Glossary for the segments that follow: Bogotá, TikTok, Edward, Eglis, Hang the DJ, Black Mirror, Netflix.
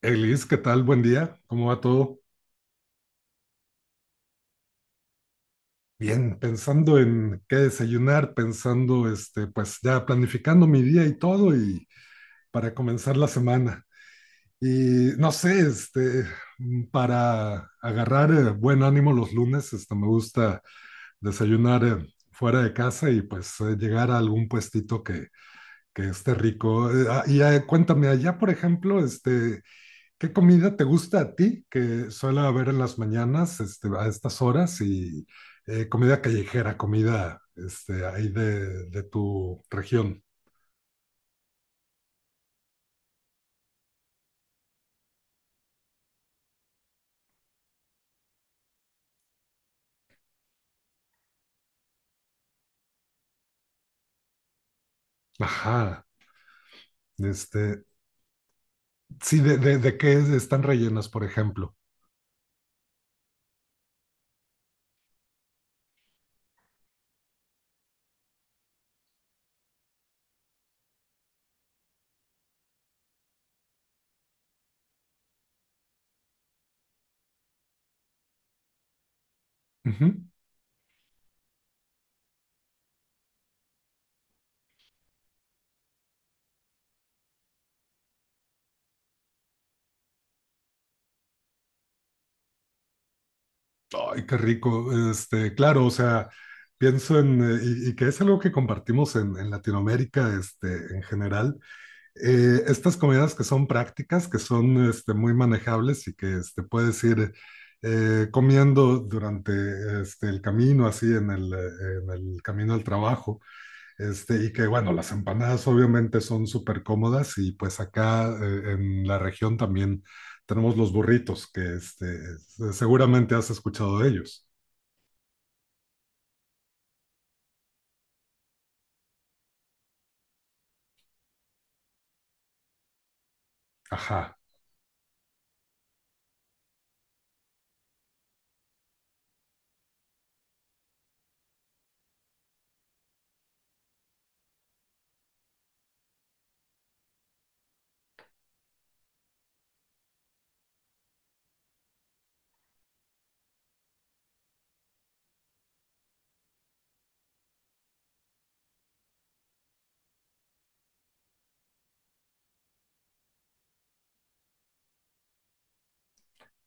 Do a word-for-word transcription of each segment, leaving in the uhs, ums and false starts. Elis, ¿qué tal? Buen día, ¿cómo va todo? Bien, pensando en qué desayunar, pensando, este, pues ya planificando mi día y todo y para comenzar la semana. Y no sé, este, para agarrar eh, buen ánimo los lunes, este, me gusta desayunar eh, fuera de casa y pues eh, llegar a algún puestito que, que esté rico. Eh, ah, y eh, cuéntame, allá por ejemplo, este, ¿qué comida te gusta a ti que suele haber en las mañanas, este, a estas horas? Y eh, comida callejera, comida este, ahí de, de tu región. Ajá. Este, sí, de, de, de qué están rellenas, por ejemplo. Ujú. Ay, qué rico. Este, claro, o sea, pienso en, eh, y, y que es algo que compartimos en, en Latinoamérica, este, en general eh, estas comidas que son prácticas, que son este, muy manejables y que este, puedes ir eh, comiendo durante este, el camino, así en el, eh, en el camino al trabajo, este, y que bueno, las empanadas obviamente son súper cómodas y pues acá eh, en la región también tenemos los burritos, que este, seguramente has escuchado de ellos. Ajá.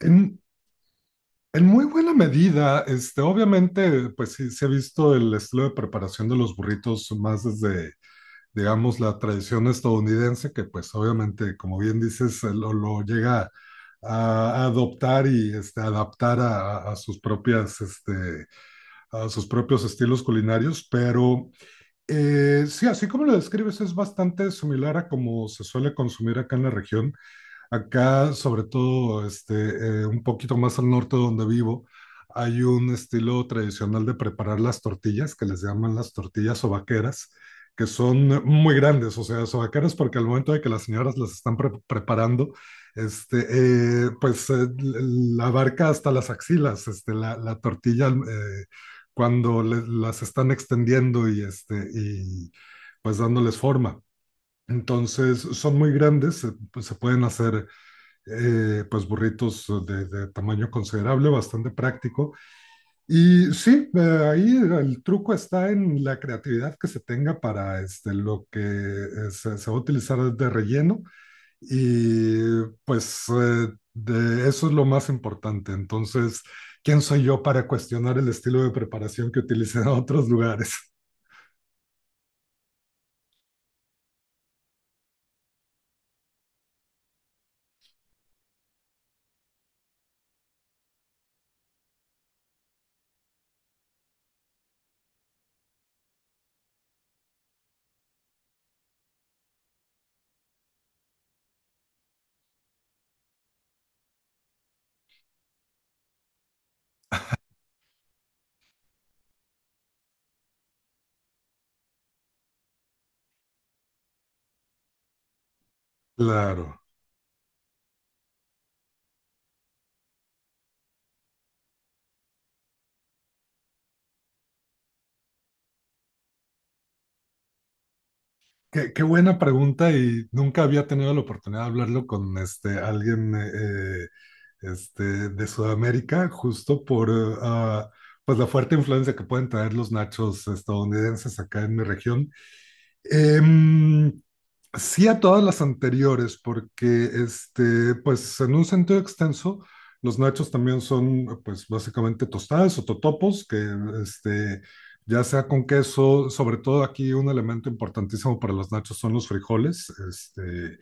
En, En muy buena medida, este, obviamente, pues sí se ha visto el estilo de preparación de los burritos más desde, digamos, la tradición estadounidense, que pues obviamente, como bien dices, eh, lo, lo llega a adoptar y este, adaptar a, a sus propias, este, a sus propios estilos culinarios, pero eh, sí, así como lo describes, es bastante similar a como se suele consumir acá en la región. Acá, sobre todo, este, eh, un poquito más al norte donde vivo, hay un estilo tradicional de preparar las tortillas, que les llaman las tortillas sobaqueras, que son muy grandes, o sea, sobaqueras porque al momento de que las señoras las están pre- preparando, este, eh, pues eh, la abarca hasta las axilas, este, la, la tortilla eh, cuando le- las están extendiendo y, este, y pues dándoles forma. Entonces, son muy grandes, se, pues, se pueden hacer eh, pues burritos de, de, tamaño considerable, bastante práctico. Y sí, eh, ahí el truco está en la creatividad que se tenga para este, lo que eh, se, se va a utilizar de relleno. Y pues eh, de eso es lo más importante. Entonces, ¿quién soy yo para cuestionar el estilo de preparación que utilizan en otros lugares? Claro. Qué, qué buena pregunta y nunca había tenido la oportunidad de hablarlo con este, alguien eh, este, de Sudamérica, justo por eh, ah, pues la fuerte influencia que pueden traer los nachos estadounidenses acá en mi región. Em, Sí a todas las anteriores, porque este, pues en un sentido extenso, los nachos también son pues básicamente tostadas o totopos, que este, ya sea con queso, sobre todo aquí un elemento importantísimo para los nachos son los frijoles, este,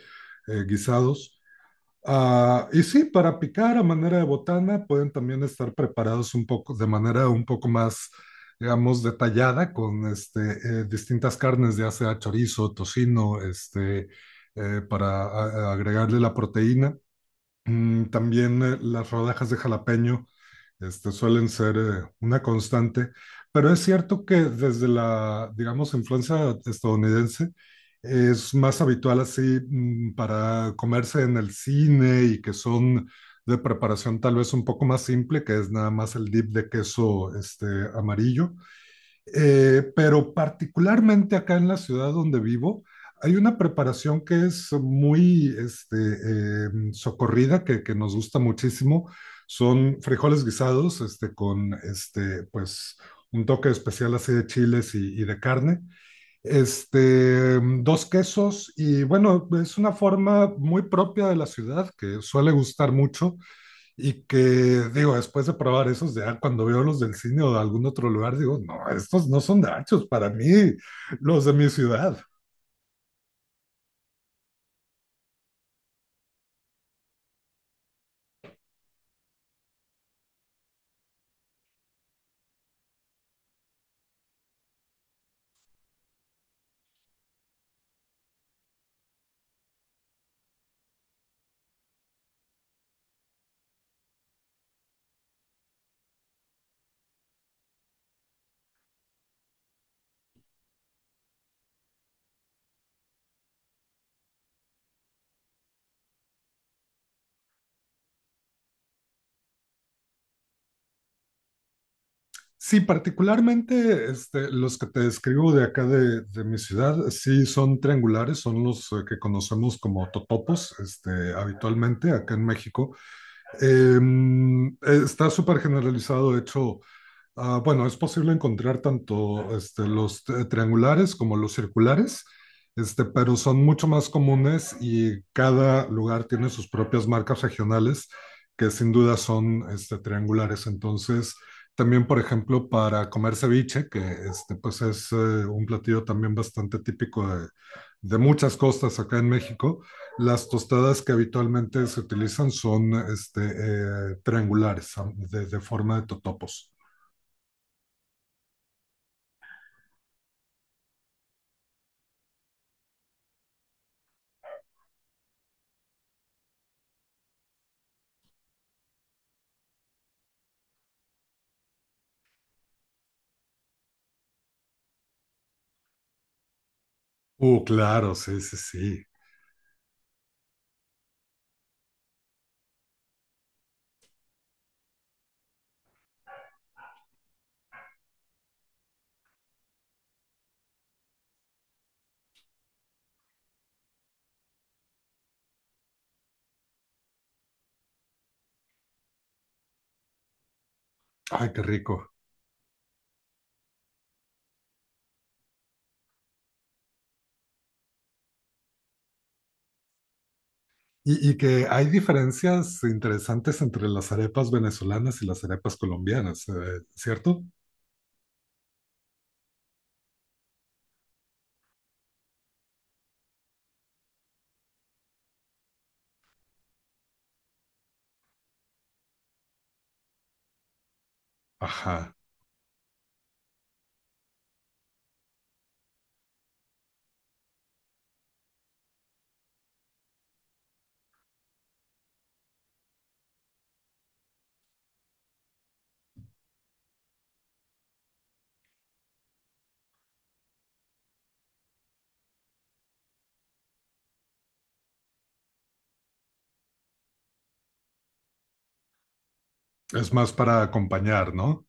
eh, guisados. Ah, y sí, para picar a manera de botana pueden también estar preparados un poco de manera un poco más, digamos, detallada con este, eh, distintas carnes, ya sea chorizo, tocino, este, eh, para a- a- agregarle la proteína. Mm, también eh, las rodajas de jalapeño este, suelen ser eh, una constante, pero es cierto que desde la, digamos, influencia estadounidense es más habitual así mm, para comerse en el cine y que son de preparación tal vez un poco más simple, que es nada más el dip de queso este, amarillo eh, pero particularmente acá en la ciudad donde vivo, hay una preparación que es muy este, eh, socorrida, que, que nos gusta muchísimo. Son frijoles guisados, este, con este, pues, un toque especial así de chiles y, y de carne. Este, dos quesos y bueno, es una forma muy propia de la ciudad que suele gustar mucho y que digo, después de probar esos, ya cuando veo los del cine o de algún otro lugar, digo, no, estos no son nachos para mí, los de mi ciudad. Sí, particularmente este, los que te describo de acá de, de mi ciudad, sí son triangulares, son los eh, que conocemos como totopos este, habitualmente acá en México. Eh, está súper generalizado, de hecho. Ah, bueno, es posible encontrar tanto este, los eh, triangulares como los circulares, este, pero son mucho más comunes y cada lugar tiene sus propias marcas regionales que sin duda son este, triangulares. Entonces, también, por ejemplo, para comer ceviche, que este, pues es eh, un platillo también bastante típico de, de muchas costas acá en México, las tostadas que habitualmente se utilizan son este, eh, triangulares, de, de forma de totopos. Uh, claro, sí, sí, sí. Ay, qué rico. Y, y que hay diferencias interesantes entre las arepas venezolanas y las arepas colombianas, eh, ¿cierto? Ajá. Es más para acompañar, ¿no?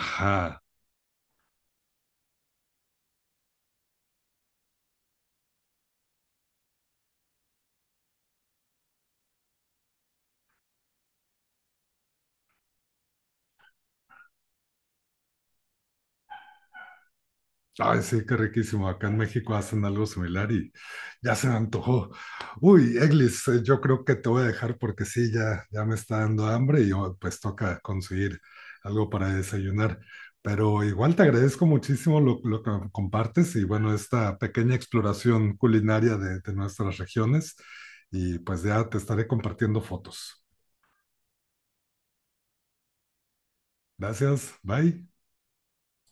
Ajá. Ay, sí, qué riquísimo. Acá en México hacen algo similar y ya se me antojó. Uy, Eglis, eh, yo creo que te voy a dejar porque sí, ya, ya me está dando hambre y oh, pues toca conseguir algo para desayunar. Pero igual te agradezco muchísimo lo, lo que me compartes y bueno, esta pequeña exploración culinaria de, de nuestras regiones y pues ya te estaré compartiendo fotos. Gracias, bye.